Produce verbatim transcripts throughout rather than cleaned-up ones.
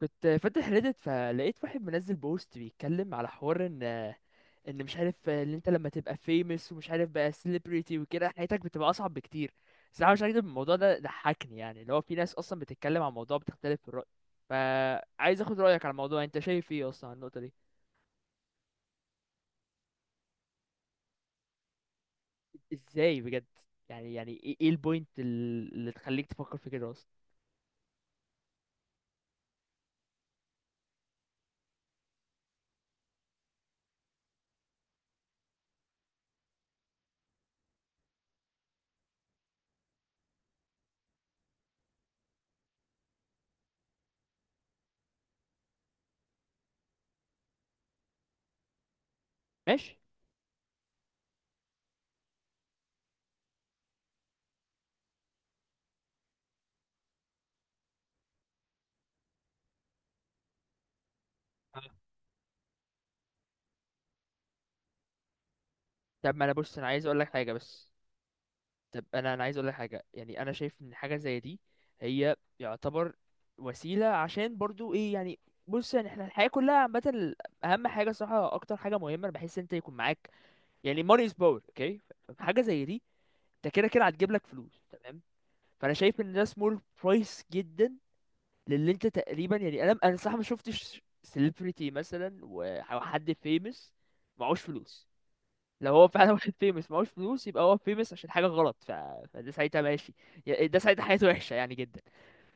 كنت فاتح ريدت فلقيت واحد منزل بوست بيتكلم على حوار ان ان مش عارف، ان انت لما تبقى famous ومش عارف بقى celebrity وكده حياتك بتبقى اصعب بكتير. صراحة مش هكدب، الموضوع ده ضحكني، يعني اللي هو في ناس اصلا بتتكلم عن موضوع بتختلف في الرأي. فعايز اخد رأيك على الموضوع، انت شايف ايه اصلا عن النقطة دي؟ ازاي بجد؟ يعني يعني ايه ايه البوينت ال- اللي تخليك تفكر في كده اصلا؟ ماشي. طب ما انا بص، انا عايز اقول لك حاجة بس. طب انا انا عايز اقول لك حاجه، يعني انا شايف ان حاجه زي دي هي يعتبر وسيله، عشان برضو ايه يعني. بص يعني، احنا الحياه كلها عامه، ال- اهم حاجه صراحه، اكتر حاجه مهمه انا بحس إن انت يكون معاك، يعني money is power، اوكي؟ حاجه زي دي انت كده كده هتجيب لك فلوس، تمام؟ فانا شايف ان ده small price جدا للي انت تقريبا، يعني انا انا صح، ما شفتش celebrity مثلا و- او حد famous معهوش فلوس. لو هو فعلا واحد فيمس معهوش فلوس، يبقى هو فيمس عشان حاجه غلط ف... فده ساعتها ماشي، يا- ده ساعتها حياته وحشه يعني جدا.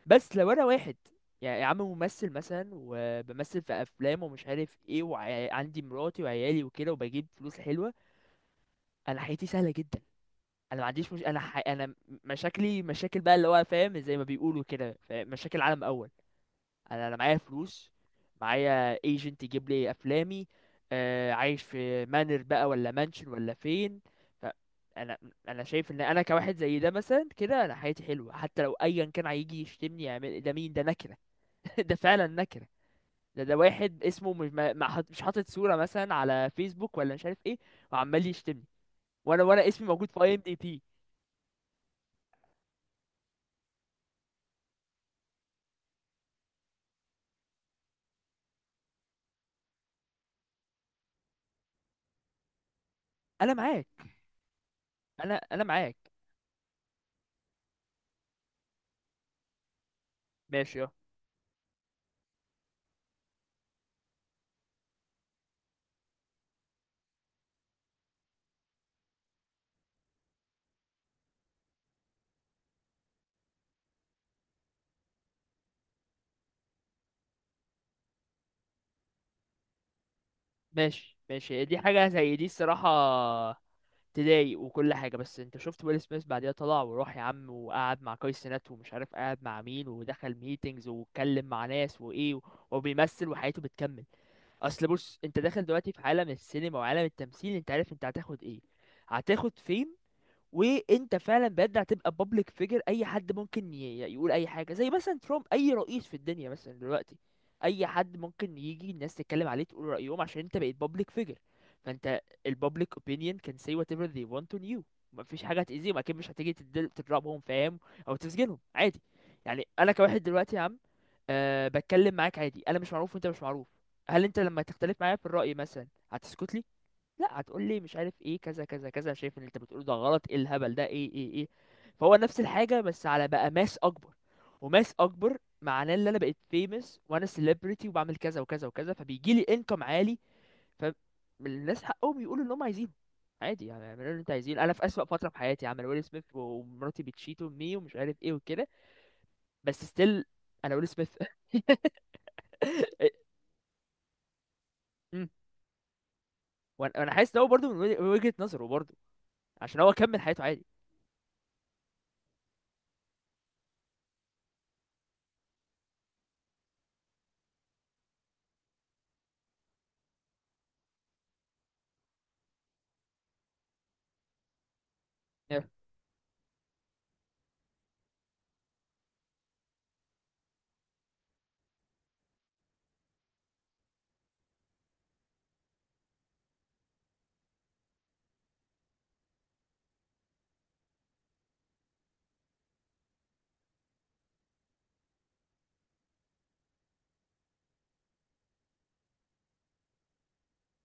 بس لو انا واحد، يعني يا عم ممثل مثلا وبمثل في افلام ومش عارف ايه، وعندي مراتي وعيالي وكده وبجيب فلوس حلوه، انا حياتي سهله جدا. انا ما عنديش، مش انا ح... انا مشاكلي مشاكل بقى اللي هو، فاهم، زي ما بيقولوا كده، فاهم؟ مشاكل عالم اول. انا انا معايا فلوس، معايا ايجنت يجيب لي افلامي، آه، عايش في مانر بقى ولا مانشن ولا فين. ف- انا انا شايف ان انا كواحد زي ده مثلا كده، انا حياتي حلوه، حتى لو ايا كان هيجي يشتمني يعمل ده، مين ده؟ نكره. ده فعلا نكره. ده ده واحد اسمه، مش ما ما حاط- مش حاطط صوره مثلا على فيسبوك ولا مش عارف ايه، وعمال يشتمني، وانا وانا اسمي موجود في اي ام دي بي. انا معاك. انا انا معاك. ماشي، اه. ماشي، ماشي، دي حاجه زي دي الصراحه تضايق وكل حاجة، بس انت شفت ويل سميث بعديها طلع وراح يا عم، وقعد مع كاي سينات ومش عارف قعد مع مين، ودخل ميتينجز واتكلم مع ناس، وايه و- وبيمثل وحياته بتكمل. اصل بص، انت داخل دلوقتي في عالم السينما وعالم التمثيل، انت عارف انت هتاخد ايه، هتاخد فيم. وانت فعلا بجد هتبقى بابليك فيجر، اي حد ممكن ي- يقول اي حاجه، زي مثلا ترامب، اي رئيس في الدنيا مثلا دلوقتي، اي حد ممكن يجي الناس تتكلم عليه تقول رايهم عشان انت بقيت بابليك فيجر. فانت، البابليك opinion can say whatever they want on you. مفيش حاجه هتاذيهم، اكيد مش هتيجي تدل- تضربهم، فاهم؟ او تسجنهم، عادي. يعني انا كواحد دلوقتي يا عم، أه بتكلم معاك عادي، انا مش معروف وانت مش معروف، هل انت لما تختلف معايا في الراي مثلا هتسكت لي؟ لا، هتقول لي مش عارف ايه، كذا كذا كذا، شايف ان اللي انت بتقوله ده غلط، ايه الهبل ده، ايه ايه ايه. فهو نفس الحاجه، بس على بقى ماس اكبر. وماس اكبر معناه ان انا بقيت فيمس، وانا سيلبرتي، وبعمل كذا وكذا وكذا، فبيجي لي انكم عالي. فالناس حقهم يقولوا اللي هم عايزينه، عادي، يعني اعملوا اللي انت عايزينه، انا في اسوأ فتره في حياتي عمل ويل سميث ومراتي بتشيت امي ومش عارف ايه وكده، بس ستيل انا ويل سميث. مم. وانا، أنا حاسس ان هو برضه من وجهة نظره برضه، عشان هو كمل حياته عادي.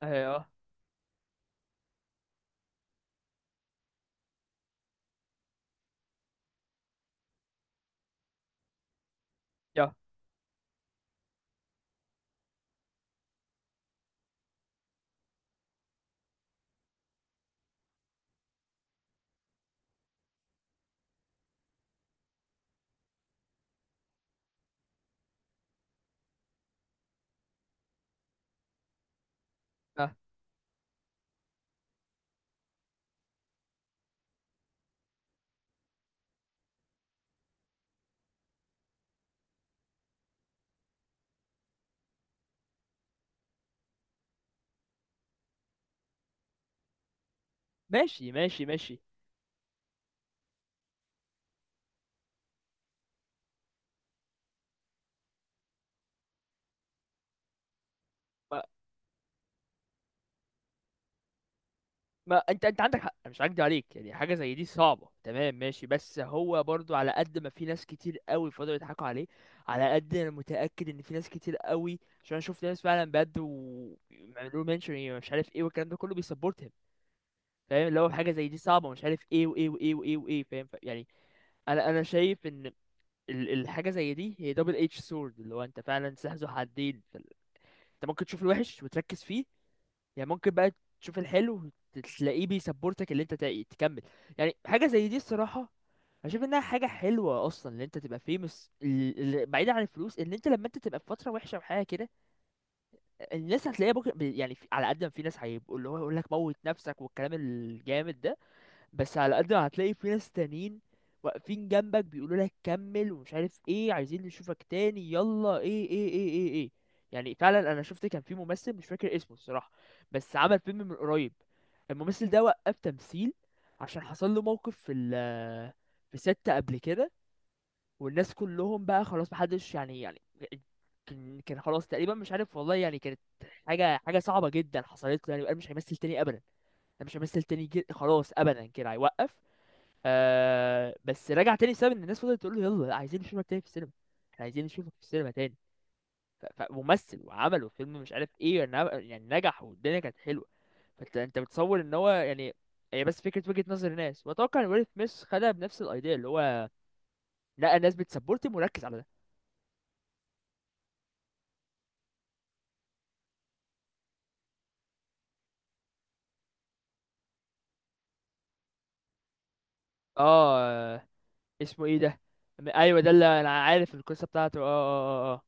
اه. يا. آه. ماشي، ماشي، ماشي. ما, ما انت انت عندك حق، أنا مش هكدب عليك، يعني حاجه زي دي صعبه، تمام؟ ماشي. بس هو برضو، على قد ما في ناس كتير قوي فضلوا يضحكوا عليه، على قد انا متاكد ان في ناس كتير قوي، عشان انا شفت ناس فعلا بجد وعملوا منشن يعني مش عارف ايه والكلام ده كله بيسبورتهم. فاهم اللي هو حاجه زي دي صعبه مش عارف ايه وايه وايه وايه وايه، فاهم؟ ف- يعني انا انا شايف ان ال- الحاجه زي دي هي دبل اتش سورد، اللي هو انت فعلا سلاح ذو حدين. انت ممكن تشوف الوحش وتركز فيه، يعني ممكن بقى تشوف الحلو، تلاقيه بيسبورتك اللي انت تا- تكمل. يعني حاجه زي دي الصراحه اشوف انها حاجه حلوه اصلا ان انت تبقى فيمس، بعيدا عن الفلوس. ان انت لما انت تبقى في فتره وحشه وحاجه كده، الناس هتلاقيها بكره، يعني في- على قد ما في ناس هيبقوا اللي هو يقول لك موت نفسك والكلام الجامد ده، بس على قد ما هتلاقي في ناس تانيين واقفين جنبك بيقولوا لك كمل، ومش عارف ايه، عايزين نشوفك تاني، يلا، ايه ايه ايه ايه ايه. يعني فعلا انا شفت، كان في ممثل مش فاكر اسمه الصراحة، بس عمل فيلم من قريب، الممثل ده وقف تمثيل عشان حصل له موقف في ال، في ست قبل كده، والناس كلهم بقى خلاص محدش، يعني يعني كان كان خلاص تقريبا مش عارف، والله يعني، كانت حاجة حاجة صعبة جدا حصلت له، يعني وقال مش هيمثل تاني ابدا، انا مش همثل تاني جد خلاص ابدا كده، هيوقف. آه. بس رجع تاني بسبب ان الناس فضلت تقول له يلا عايزين نشوفك تاني في السينما، احنا عايزين نشوفك في السينما تاني. ف- فممثل وعمله فيلم مش عارف ايه، يعني يعني نجح والدنيا كانت حلوه. فانت انت بتصور ان هو، يعني هي بس فكره وجهه نظر الناس، واتوقع ان ويل سميث خدها بنفس الايديا، اللي هو لا، الناس بتسبورت مركز على ده. اه. اسمه ايه ده؟ م- ايوه، ده اللي انا عارف القصه بتاعته، اه اه اه، آه.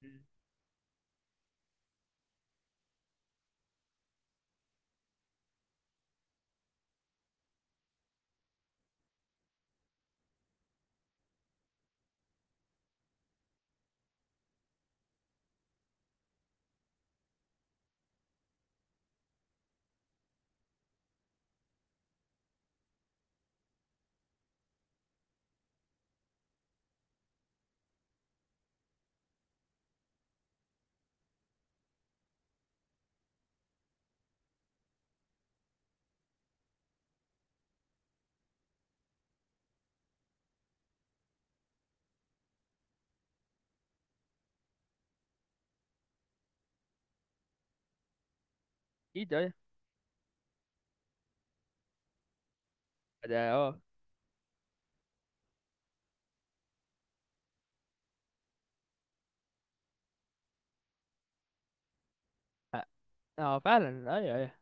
م. ايه ده؟ ده اه. اه فعلا، ايوه ايوه.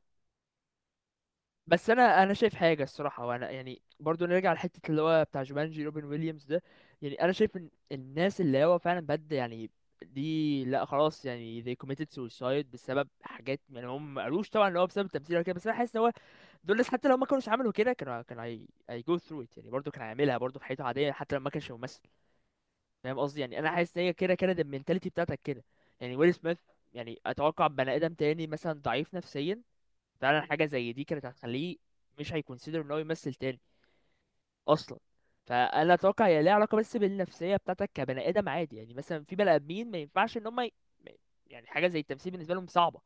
بس انا انا شايف حاجه الصراحه، وانا يعني برضو نرجع لحته اللي هو بتاع جومانجي، روبن ويليامز ده. يعني انا شايف ان الناس اللي هو فعلا بد يعني دي، لا خلاص، يعني they committed suicide بسبب حاجات، يعني هم ما قالوش طبعا ان هو بسبب التمثيل ولا كده، بس انا حاسس ان هو، دول الناس حتى لو ما كانوش عملوا كده، كانوا كانوا هي هي go through it، يعني برضو كان هيعملها برضو في حياته عاديه حتى لو ما كانش ممثل. فاهم قصدي؟ يعني انا حاسس ان هي كده كده المينتاليتي بتاعتك كده، يعني ويل سميث، يعني اتوقع بني ادم تاني مثلا ضعيف نفسيا فعلا حاجه زي دي كانت هتخليه مش هيكونسيدر ان هو يمثل تاني اصلا. فانا اتوقع هي ليها علاقه بس بالنفسيه بتاعتك كبني ادم عادي، يعني مثلا في بني ادمين ما ينفعش ان هم ي... ما- يعني حاجه زي التمثيل بالنسبه لهم صعبه،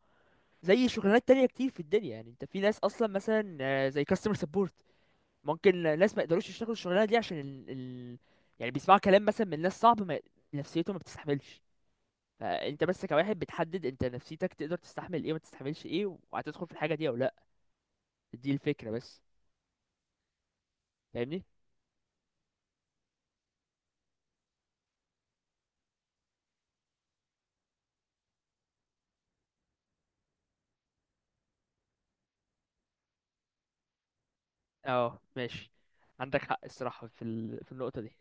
زي شغلانات تانية كتير في الدنيا، يعني انت في ناس اصلا مثلا آه، زي كاستمر سبورت، ممكن ناس ما يقدروش يشتغلوا الشغلانه دي عشان ال... ال... يعني بيسمعوا كلام مثلا من ناس صعب، ما... نفسيته ما بتستحملش. فانت بس كواحد بتحدد انت نفسيتك تقدر تستحمل ايه وما تستحملش ايه، وهتدخل في الحاجه دي او لا، دي الفكره بس. فاهمني؟ اه، ماشي. عندك حق الصراحة في ال... في النقطة دي.